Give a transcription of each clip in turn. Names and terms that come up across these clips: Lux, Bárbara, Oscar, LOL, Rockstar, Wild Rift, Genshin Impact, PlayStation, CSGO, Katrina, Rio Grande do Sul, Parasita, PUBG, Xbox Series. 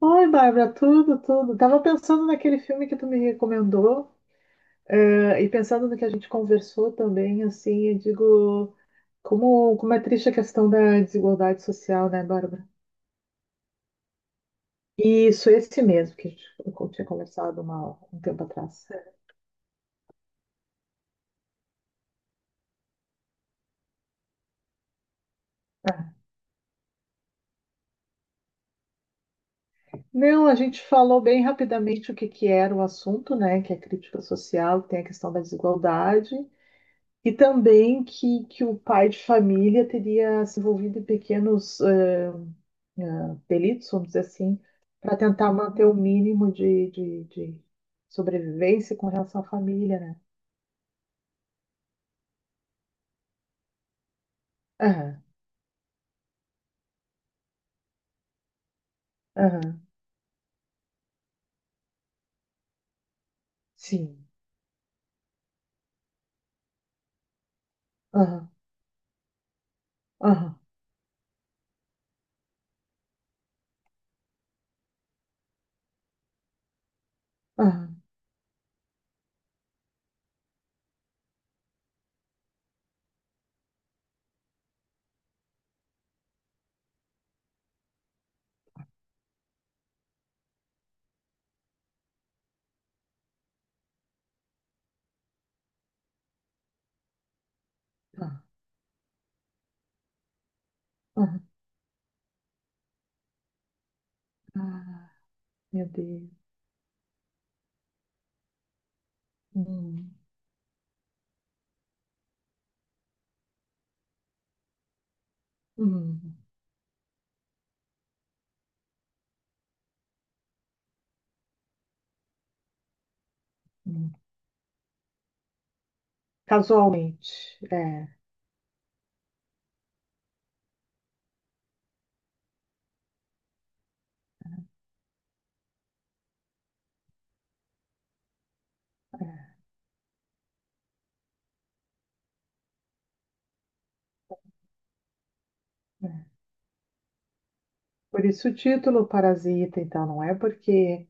Oi, Bárbara, tudo, tudo. Tava pensando naquele filme que tu me recomendou, e pensando no que a gente conversou também, assim, eu digo, como é triste a questão da desigualdade social, né, Bárbara? E isso, esse mesmo, que a gente, eu tinha conversado um tempo atrás. Ah. Não, a gente falou bem rapidamente o que que era o assunto, né, que é crítica social, que tem a questão da desigualdade, e também que o pai de família teria se envolvido em pequenos eh, delitos, vamos dizer assim, para tentar manter o mínimo de sobrevivência com relação à família, né? Aham, aham, sim, aham, aham, aham, aham, aham. Ah, meu Deus. Hum, hum, hum. Casualmente, é. É. Por isso o título Parasita, então, não é porque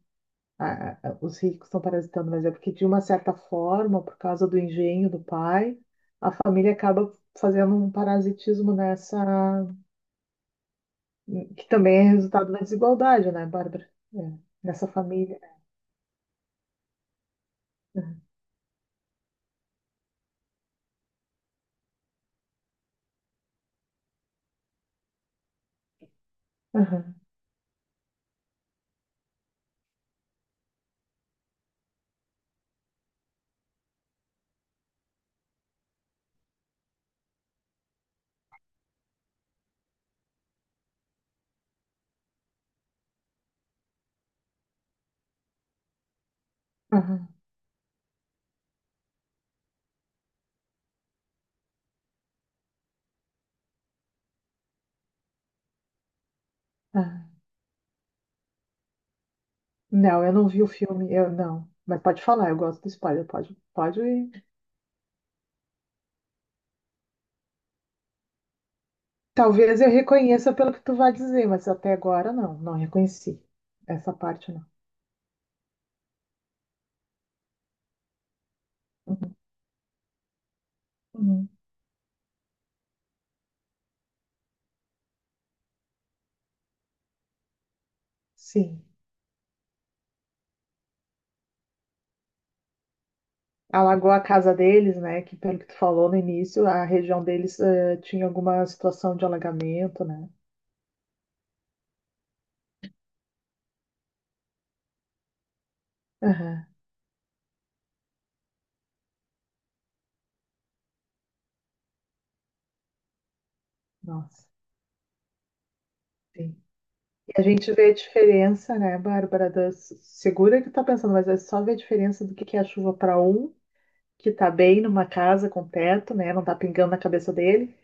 os ricos estão parasitando, mas é porque, de uma certa forma, por causa do engenho do pai, a família acaba fazendo um parasitismo nessa, que também é resultado da desigualdade, né, Bárbara? É, nessa família. Aham, aham, aham. Não, eu não vi o filme, eu não. Mas pode falar, eu gosto do spoiler, pode, pode. Talvez eu reconheça pelo que tu vai dizer, mas até agora não, não reconheci essa parte não. Uhum, uhum. Sim. Alagou a casa deles, né? Que pelo que tu falou no início, a região deles tinha alguma situação de alagamento, né? Aham. Nossa, sim. E a gente vê a diferença, né, Bárbara, das... segura que tá pensando, mas é só ver a diferença do que é a chuva para um que tá bem numa casa com teto, né? Não tá pingando na cabeça dele,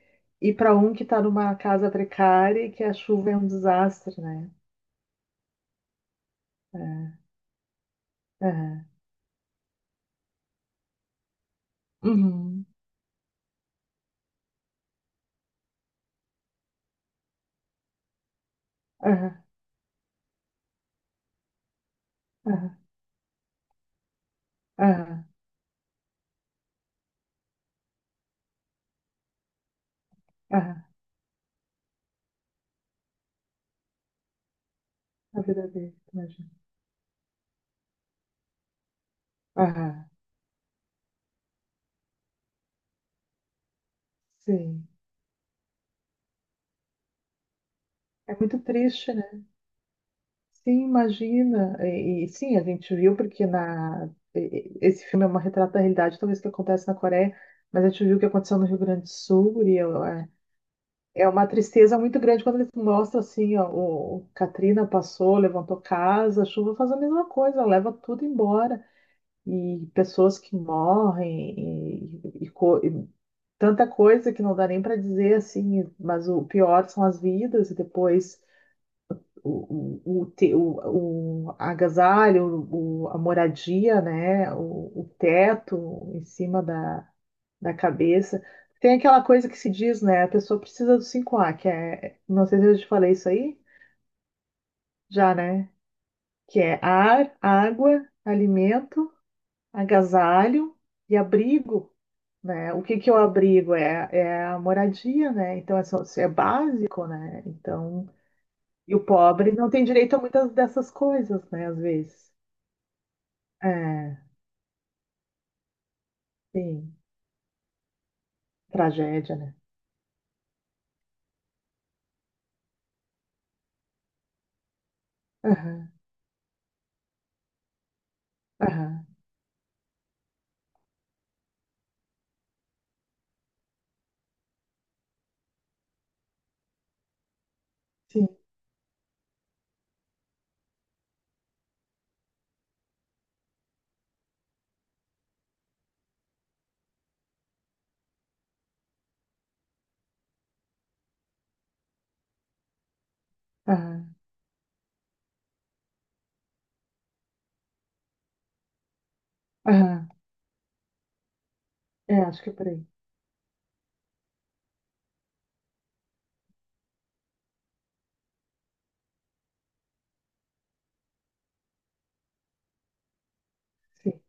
e para um que tá numa casa precária e que a chuva é um desastre, né? É, aham. Uhum. Aham, aham, aham, aham. A vida dele, imagina. Aham. Sim, é muito triste, né? Sim, imagina. E sim, a gente viu porque na esse filme é uma retrata da realidade, talvez que acontece na Coreia, mas a gente viu o que aconteceu no Rio Grande do Sul e é, é uma tristeza muito grande quando eles mostram assim, ó, o Katrina passou, levantou casa, a chuva faz a mesma coisa, leva tudo embora e pessoas que morrem e tanta coisa que não dá nem para dizer assim, mas o pior são as vidas e depois o agasalho, a moradia, né? O teto em cima da cabeça. Tem aquela coisa que se diz, né? A pessoa precisa do cinco a que é, não sei se eu te falei isso aí, já, né? Que é ar, água, alimento, agasalho e abrigo. Né? O que que é o abrigo? É, é a moradia, né? Então, é básico, né? Então, e o pobre não tem direito a muitas dessas coisas, né? Às vezes. É, sim. Tragédia, né? Aham, aham, sim, aham, aham. É, acho que é por aí. Sim.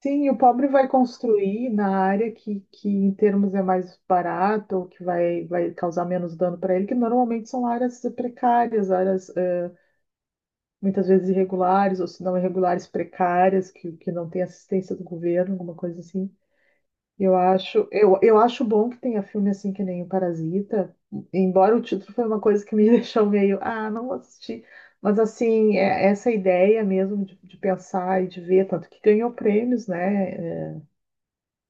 Sim, e o pobre vai construir na área que em termos é mais barato, ou que vai, vai causar menos dano para ele, que normalmente são áreas precárias, áreas muitas vezes irregulares, ou se não irregulares, precárias, que não tem assistência do governo, alguma coisa assim. Eu acho, eu acho bom que tenha filme assim que nem o Parasita, embora o título foi uma coisa que me deixou meio, ah, não vou assistir. Mas assim, é essa ideia mesmo de pensar e de ver, tanto que ganhou prêmios, né? É,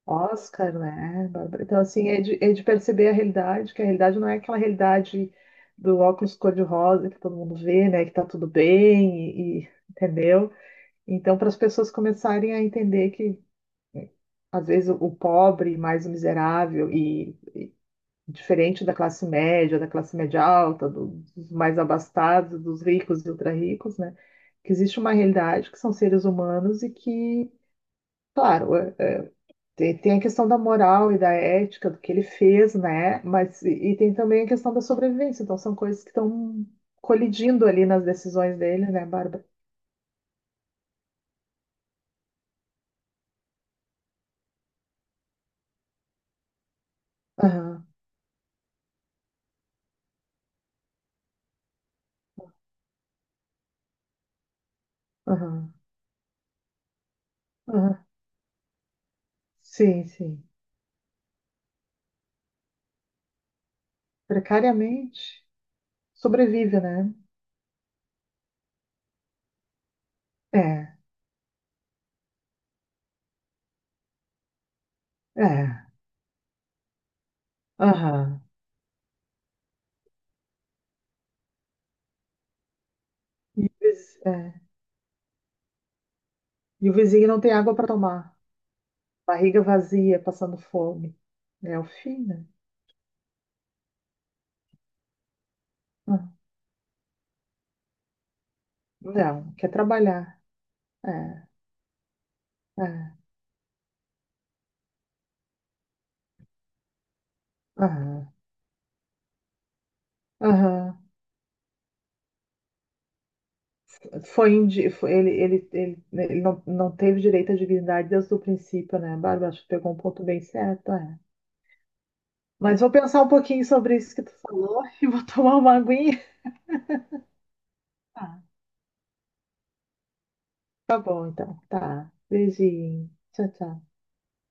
Oscar, né, Bárbara? Então, assim, é de perceber a realidade, que a realidade não é aquela realidade do óculos cor-de-rosa que todo mundo vê, né? Que tá tudo bem, entendeu? Então, para as pessoas começarem a entender que às vezes o pobre mais o miserável e diferente da classe média alta, dos mais abastados, dos ricos e ultra-ricos, né? Que existe uma realidade que são seres humanos e que, claro, tem a questão da moral e da ética, do que ele fez, né? Mas e tem também a questão da sobrevivência. Então são coisas que estão colidindo ali nas decisões dele, né, Bárbara? Aham, aham, aham. Sim, sim. Precariamente sobrevive, né? É, é. Aham. E, é. E o vizinho não tem água para tomar. Barriga vazia, passando fome. É o fim, né? Ah, não, quer trabalhar. É, é, aham, aham. Foi, ele não teve direito à dignidade desde o princípio, né, Bárbara? Acho que pegou um ponto bem certo, é. Mas vou pensar um pouquinho sobre isso que tu falou e vou tomar uma aguinha. Tá, tá bom, então. Tá. Beijinho. Tchau, tchau.